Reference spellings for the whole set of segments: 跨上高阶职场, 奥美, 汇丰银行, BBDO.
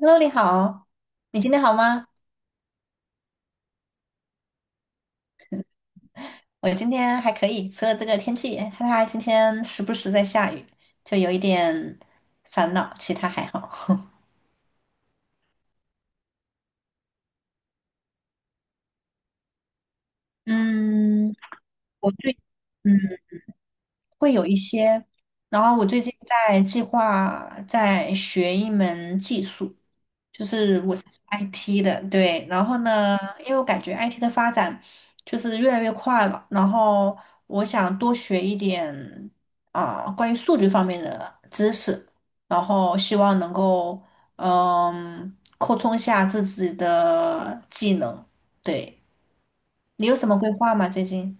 h e 你好，你今天好吗？我今天还可以，除了这个天气，哈哈，今天时不时在下雨，就有一点烦恼，其他还好。嗯，我最嗯会有一些，然后我最近在计划在学一门技术，IT 的，对，然后呢，因为我感觉 IT 的发展就是越来越快了，然后我想多学一点关于数据方面的知识，然后希望能够扩充一下自己的技能。对，你有什么规划吗？最近？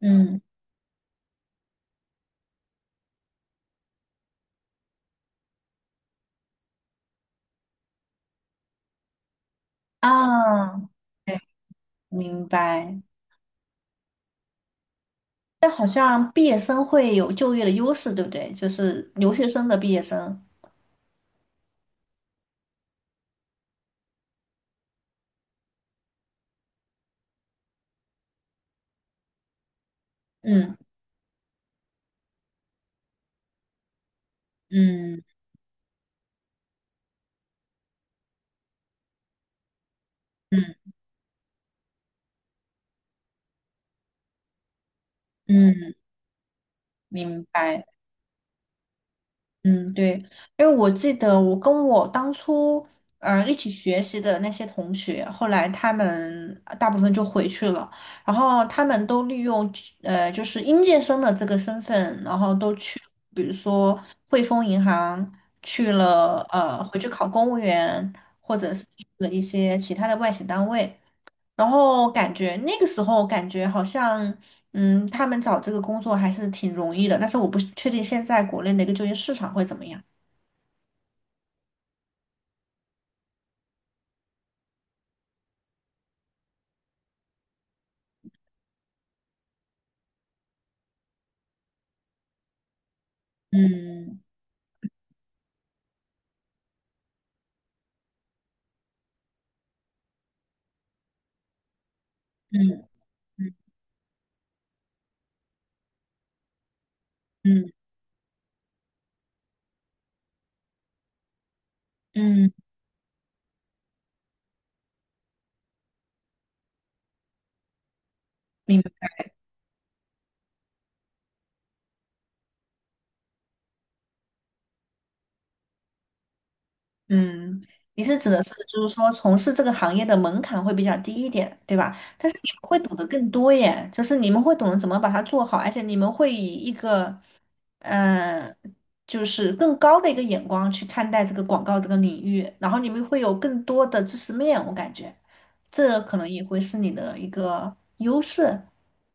嗯啊，明白。但好像毕业生会有就业的优势，对不对？就是留学生的毕业生。嗯嗯嗯嗯。明白，嗯，对，因为我记得我跟我当初一起学习的那些同学，后来他们大部分就回去了，然后他们都利用就是应届生的这个身份，然后都去，比如说汇丰银行去了，回去考公务员，或者是去了一些其他的外企单位，然后感觉那个时候感觉好像，他们找这个工作还是挺容易的，但是我不确定现在国内的一个就业市场会怎么样。嗯嗯嗯嗯嗯，明白。嗯，你是指的是就是说从事这个行业的门槛会比较低一点，对吧？但是你们会懂得更多耶，就是你们会懂得怎么把它做好，而且你们会以一个嗯、呃就是更高的一个眼光去看待这个广告这个领域，然后你们会有更多的知识面，我感觉这可能也会是你的一个优势。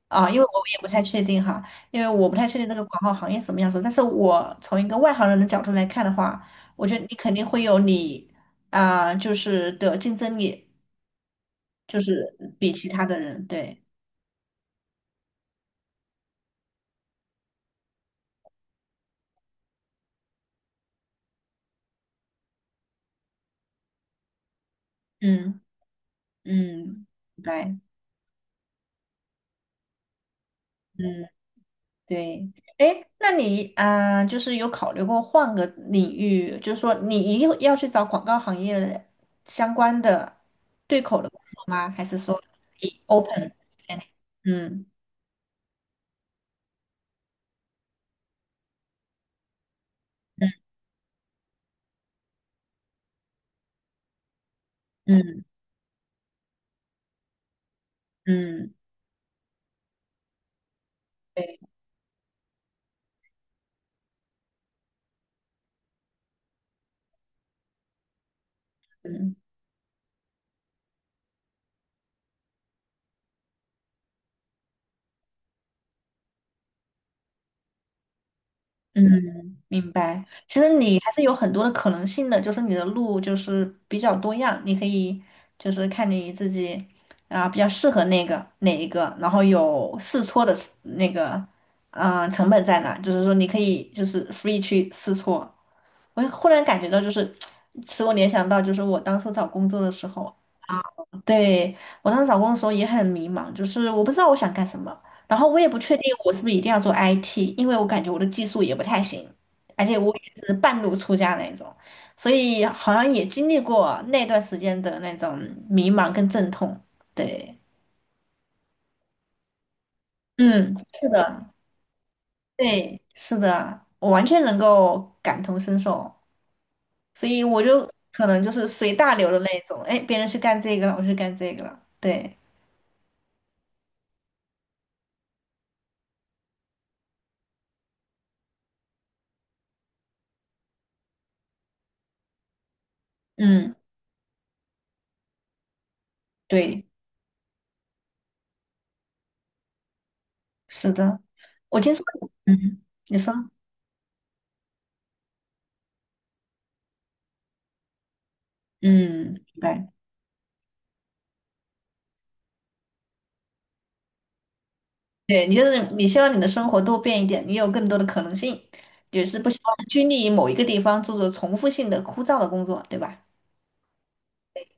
啊，因为我也不太确定哈，因为我不太确定这个广告行业什么样子。但是我从一个外行人的角度来看的话，我觉得你肯定会有你就是的竞争力，就是比其他的人，对，嗯嗯，对，嗯，对，哎，那你就是有考虑过换个领域，就是说你一定要去找广告行业相关的对口的工作吗？还是说你 open？嗯嗯嗯嗯，嗯对，嗯。嗯，明白。其实你还是有很多的可能性的，就是你的路就是比较多样，你可以就是看你自己比较适合那个哪一个，然后有试错的那个成本在哪，就是说你可以就是 free 去试错。我忽然感觉到就是 使我联想到就是我当初找工作的时候对，我当时找工作的时候也很迷茫，就是我不知道我想干什么，然后我也不确定我是不是一定要做 IT，因为我感觉我的技术也不太行，而且我也是半路出家那种，所以好像也经历过那段时间的那种迷茫跟阵痛。对，嗯，是的，对，是的，我完全能够感同身受，所以我就可能就是随大流的那种，哎，别人去干这个了，我去干这个了，对，嗯，对。是的，我听说，嗯，你说，嗯，对，对，你就是你希望你的生活多变一点，你有更多的可能性，也是不希望拘泥于某一个地方做着重复性的枯燥的工作，对吧？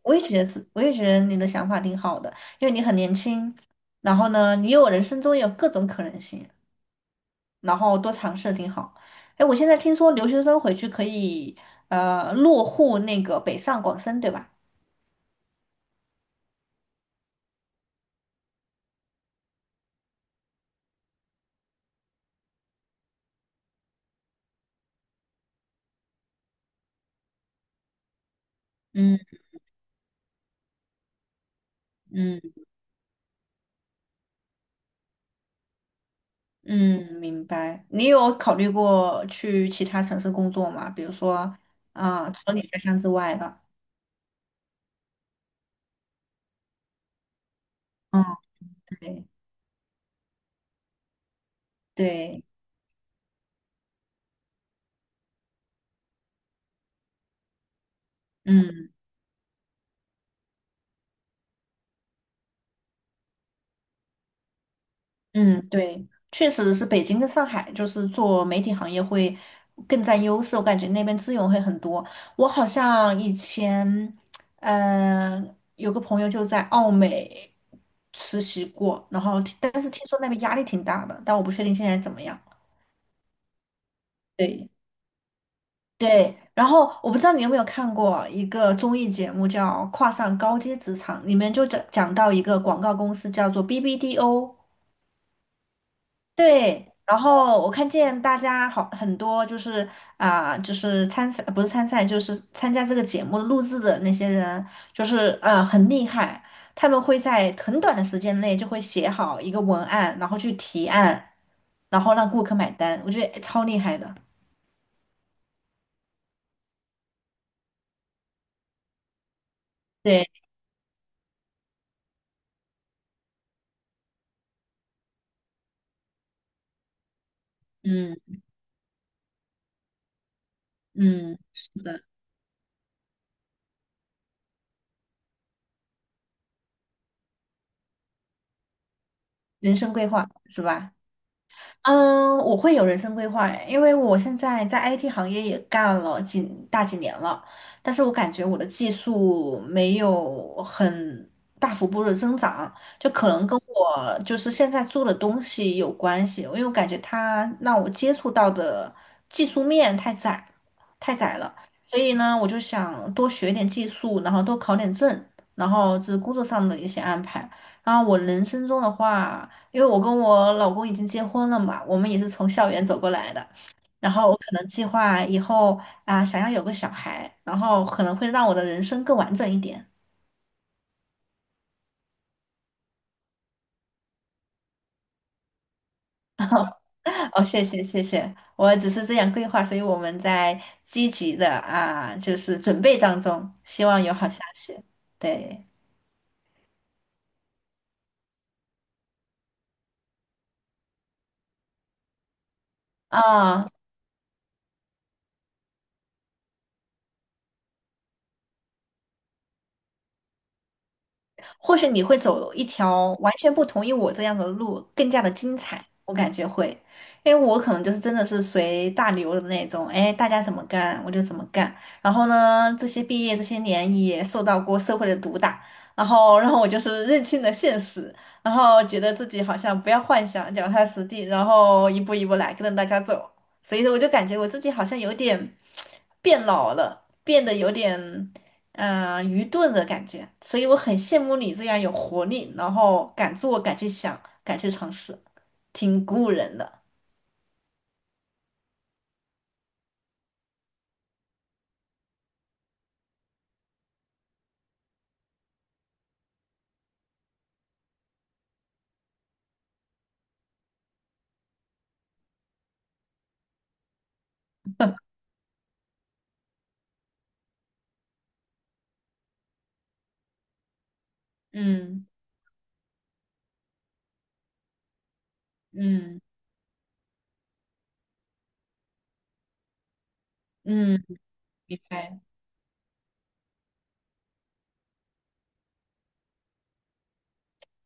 我也觉得是，我也觉得你的想法挺好的，因为你很年轻，然后呢，你有人生中有各种可能性，然后多尝试挺好。哎，我现在听说留学生回去可以落户那个北上广深，对吧？嗯嗯。嗯，明白。你有考虑过去其他城市工作吗？比如说，除了你家乡之外的。嗯，对对，嗯嗯，对，确实是北京跟上海，就是做媒体行业会更占优势，我感觉那边资源会很多。我好像以前，有个朋友就在奥美实习过，然后但是听说那边压力挺大的，但我不确定现在怎么样。对。对，然后我不知道你有没有看过一个综艺节目叫《跨上高阶职场》，里面就讲到一个广告公司叫做 BBDO。对，然后我看见大家好很多就是就是参赛不是参赛，就是参加这个节目录制的那些人，就是很厉害，他们会在很短的时间内就会写好一个文案，然后去提案，然后让顾客买单，我觉得超厉害的。对，嗯嗯。是的。人生规划是吧？嗯，我会有人生规划，因为我现在在 IT 行业也干了几大几年了，但是我感觉我的技术没有很大幅度的增长，就可能跟我就是现在做的东西有关系，因为我感觉它让我接触到的技术面太窄，太窄了，所以呢，我就想多学点技术，然后多考点证，然后这是工作上的一些安排，然后我人生中的话。因为我跟我老公已经结婚了嘛，我们也是从校园走过来的。然后我可能计划以后啊，想要有个小孩，然后可能会让我的人生更完整一点。哦，谢谢谢谢，我只是这样规划，所以我们在积极的啊，就是准备当中，希望有好消息。对，啊、或许你会走一条完全不同于我这样的路，更加的精彩。我感觉会，因为我可能就是真的是随大流的那种，哎，大家怎么干我就怎么干。然后呢，这些毕业这些年也受到过社会的毒打，然后我就是认清了现实，然后觉得自己好像不要幻想，脚踏实地，然后一步一步来，跟着大家走。所以说我就感觉我自己好像有点变老了，变得有点愚钝的感觉，所以我很羡慕你这样有活力，然后敢做、敢去想、敢去尝试，挺鼓舞人的。嗯嗯嗯，明白。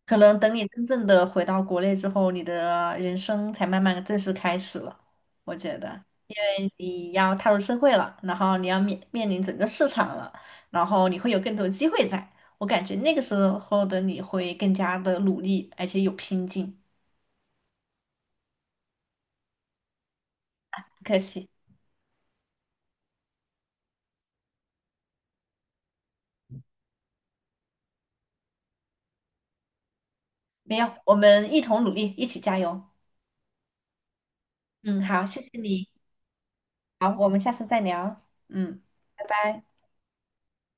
可能等你真正的回到国内之后，你的人生才慢慢地正式开始了。我觉得你要踏入社会了，然后你要面临整个市场了，然后你会有更多机会在。我感觉那个时候的你会更加的努力，而且有拼劲。不客气。没有，我们一同努力，一起加油。嗯，好，谢谢你。好，我们下次再聊。嗯，拜拜。